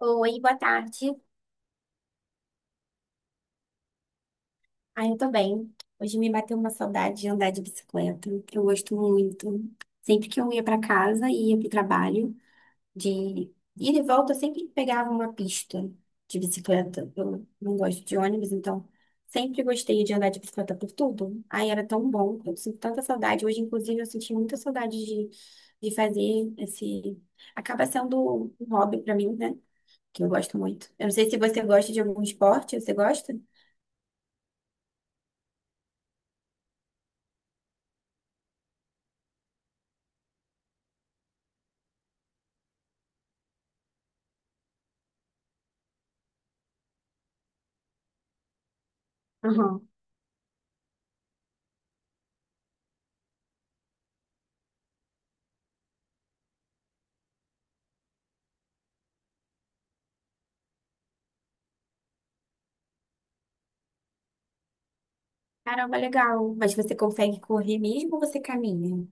Oi, boa tarde. Ah, eu tô bem. Hoje me bateu uma saudade de andar de bicicleta. Eu gosto muito. Sempre que eu ia pra casa e ia pro trabalho, de ida e volta, eu sempre pegava uma pista de bicicleta. Eu não gosto de ônibus, então sempre gostei de andar de bicicleta por tudo. Ai, era tão bom. Eu sinto tanta saudade. Hoje, inclusive, eu senti muita saudade de fazer esse. Acaba sendo um hobby pra mim, né? Que eu gosto muito. Eu não sei se você gosta de algum esporte, você gosta? Caramba, legal. Mas você consegue correr mesmo ou você caminha?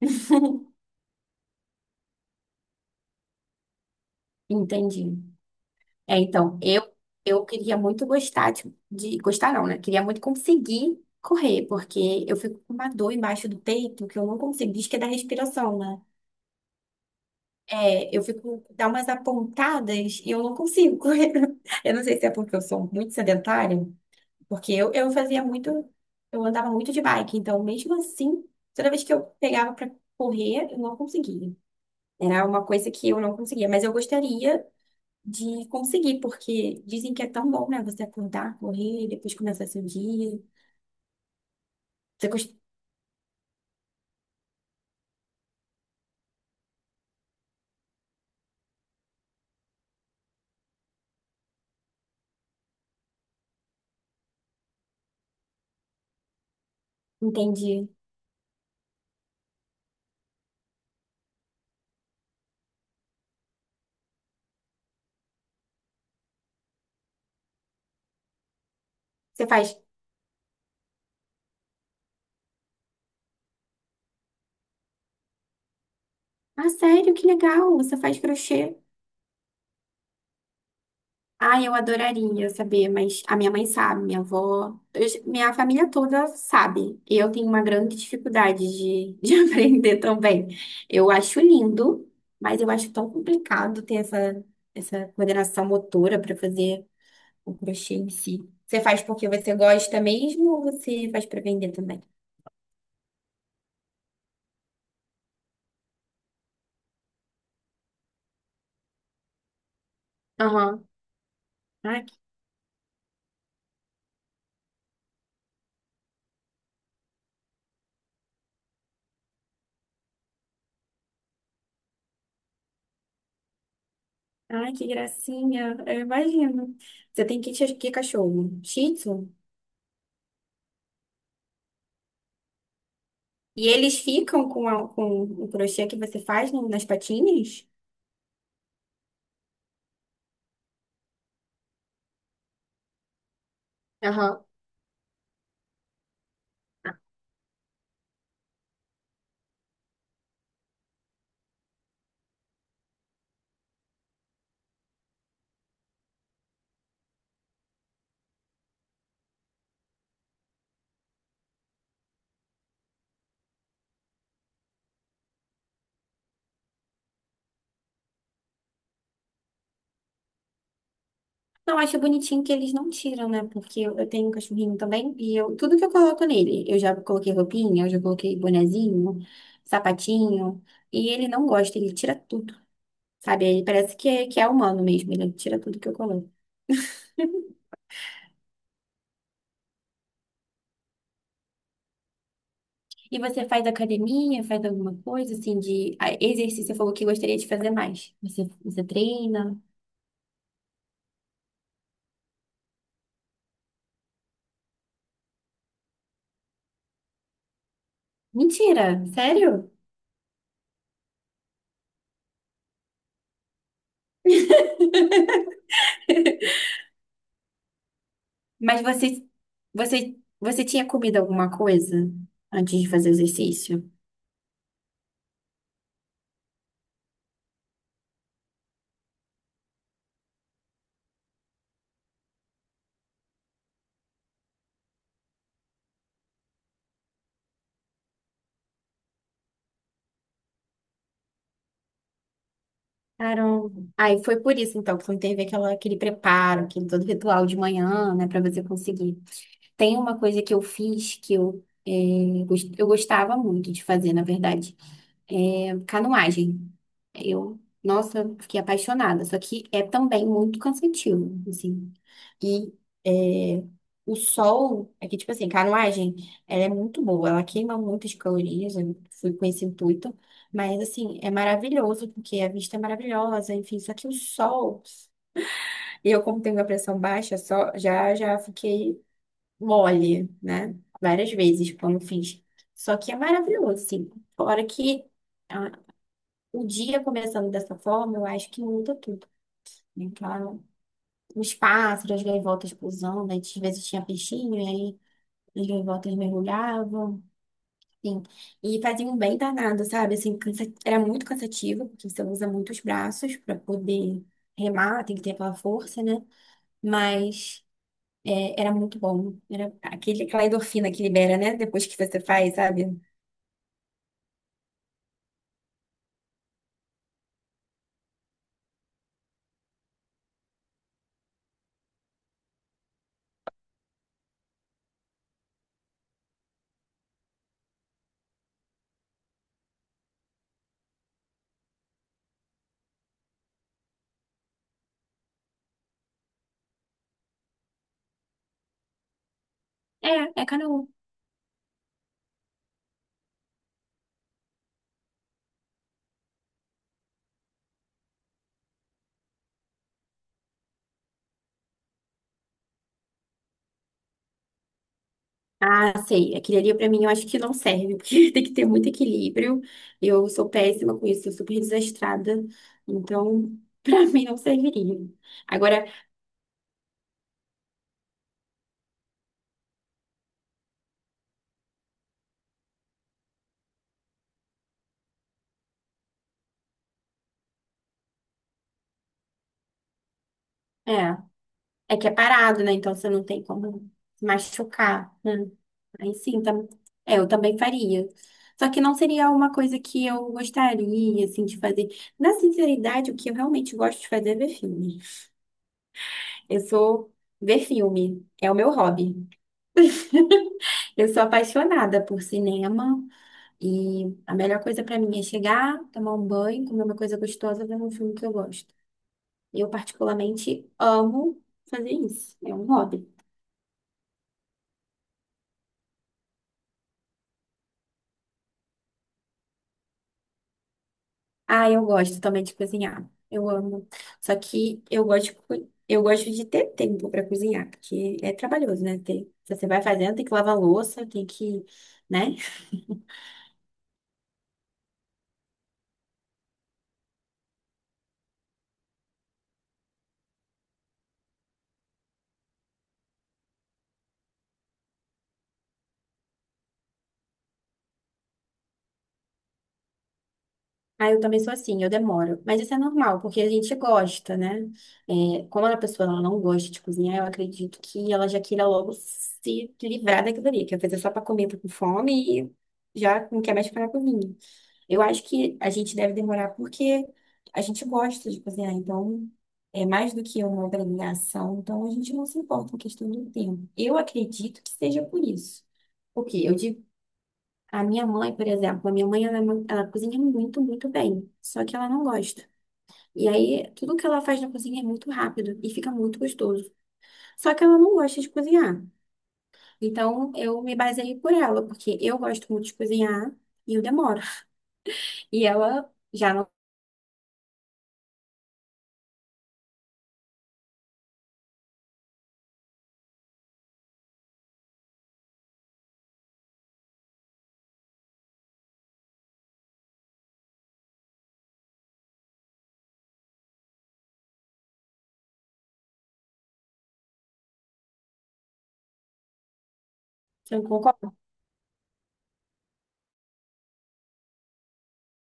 Entendi. É, então, eu queria muito gostar gostar não, né? Queria muito conseguir correr, porque eu fico com uma dor embaixo do peito que eu não consigo, diz que é da respiração, né? É, eu fico dá umas apontadas e eu não consigo correr. Eu não sei se é porque eu sou muito sedentária, porque eu fazia muito, eu andava muito de bike, então mesmo assim, toda vez que eu pegava pra correr, eu não conseguia. Era uma coisa que eu não conseguia, mas eu gostaria de conseguir, porque dizem que é tão bom, né? Você acordar, correr, depois começar seu dia. Você cons- Entende? Você faz, ah, sério, que legal, você faz crochê. Ah, eu adoraria saber, mas a minha mãe sabe, minha avó, minha família toda sabe. Eu tenho uma grande dificuldade de, de aprender também. Eu acho lindo, mas eu acho tão complicado ter essa coordenação motora para fazer o crochê em si. Você faz porque você gosta mesmo ou você faz para vender também? Aham. Ai, que, ai, que gracinha. Eu imagino. Você tem que cachorro? Shih Tzu? E eles ficam com o crochê que você faz nas patinhas? Aham. Não, acho bonitinho que eles não tiram, né? Porque eu tenho um cachorrinho também e eu, tudo que eu coloco nele, eu já coloquei roupinha, eu já coloquei bonezinho, sapatinho, e ele não gosta, ele tira tudo. Sabe? Ele parece que que é humano mesmo, ele tira tudo que eu coloco. E você faz academia, faz alguma coisa assim de ah, exercício? Você falou que gostaria de fazer mais. Você treina? Mentira, sério? Mas você, você tinha comido alguma coisa antes de fazer o exercício? Caramba. Aí foi por isso, então, que não teve aquele preparo, aquele todo ritual de manhã, né, para você conseguir. Tem uma coisa que eu fiz que eu, eu gostava muito de fazer, na verdade. É canoagem. Eu, nossa, fiquei apaixonada. Só que é também muito cansativo, assim. E é, o sol, é que, tipo assim, canoagem, ela é muito boa. Ela queima muitas calorias. Eu fui com esse intuito. Mas, assim, é maravilhoso, porque a vista é maravilhosa, enfim. Só que o sol... Eu, como tenho a pressão baixa, só, já fiquei mole, né? Várias vezes quando fiz. Só que é maravilhoso, assim. Fora que... ah, o dia começando dessa forma, eu acho que muda tudo, né? Claro, os pássaros, as gaivotas pousando, antes às vezes tinha peixinho, e aí as gaivotas mergulhavam, enfim, e faziam um bem danado, sabe? Assim, era muito cansativo, porque você usa muitos braços para poder remar, tem que ter aquela força, né? Mas é, era muito bom, era aquela endorfina que libera, né? Depois que você faz, sabe? É, é canoa. Ah, sei. Aquilo ali pra mim eu acho que não serve, porque tem que ter muito equilíbrio. Eu sou péssima com isso, sou super desastrada. Então, pra mim não serviria. Agora, é, é que é parado, né? Então você não tem como se machucar, né? Aí sim, tam... É, eu também faria. Só que não seria uma coisa que eu gostaria, assim, de fazer. Na sinceridade, o que eu realmente gosto de fazer é ver filme. Eu sou ver filme, é o meu hobby. Eu sou apaixonada por cinema e a melhor coisa pra mim é chegar, tomar um banho, comer uma coisa gostosa, ver um filme que eu gosto. Eu particularmente amo fazer isso. É um hobby. Ah, eu gosto também de cozinhar. Eu amo. Só que eu eu gosto de ter tempo para cozinhar, porque é trabalhoso, né? Se você vai fazendo, tem que lavar louça, tem que, né? Ah, eu também sou assim, eu demoro. Mas isso é normal, porque a gente gosta, né? É, como a pessoa ela não gosta de cozinhar, eu acredito que ela já queira logo se livrar daquilo ali, que às vezes é só para comer, tá com fome e já não quer mais ficar na cozinha. Eu acho que a gente deve demorar porque a gente gosta de cozinhar, então é mais do que uma obrigação, então a gente não se importa com questão do tempo. Eu acredito que seja por isso. Porque eu a minha mãe, por exemplo, a minha mãe, ela, ela cozinha muito, muito bem, só que ela não gosta. E aí, tudo que ela faz na cozinha é muito rápido e fica muito gostoso. Só que ela não gosta de cozinhar. Então, eu me baseei por ela, porque eu gosto muito de cozinhar e eu demoro. E ela já não, você não concorda?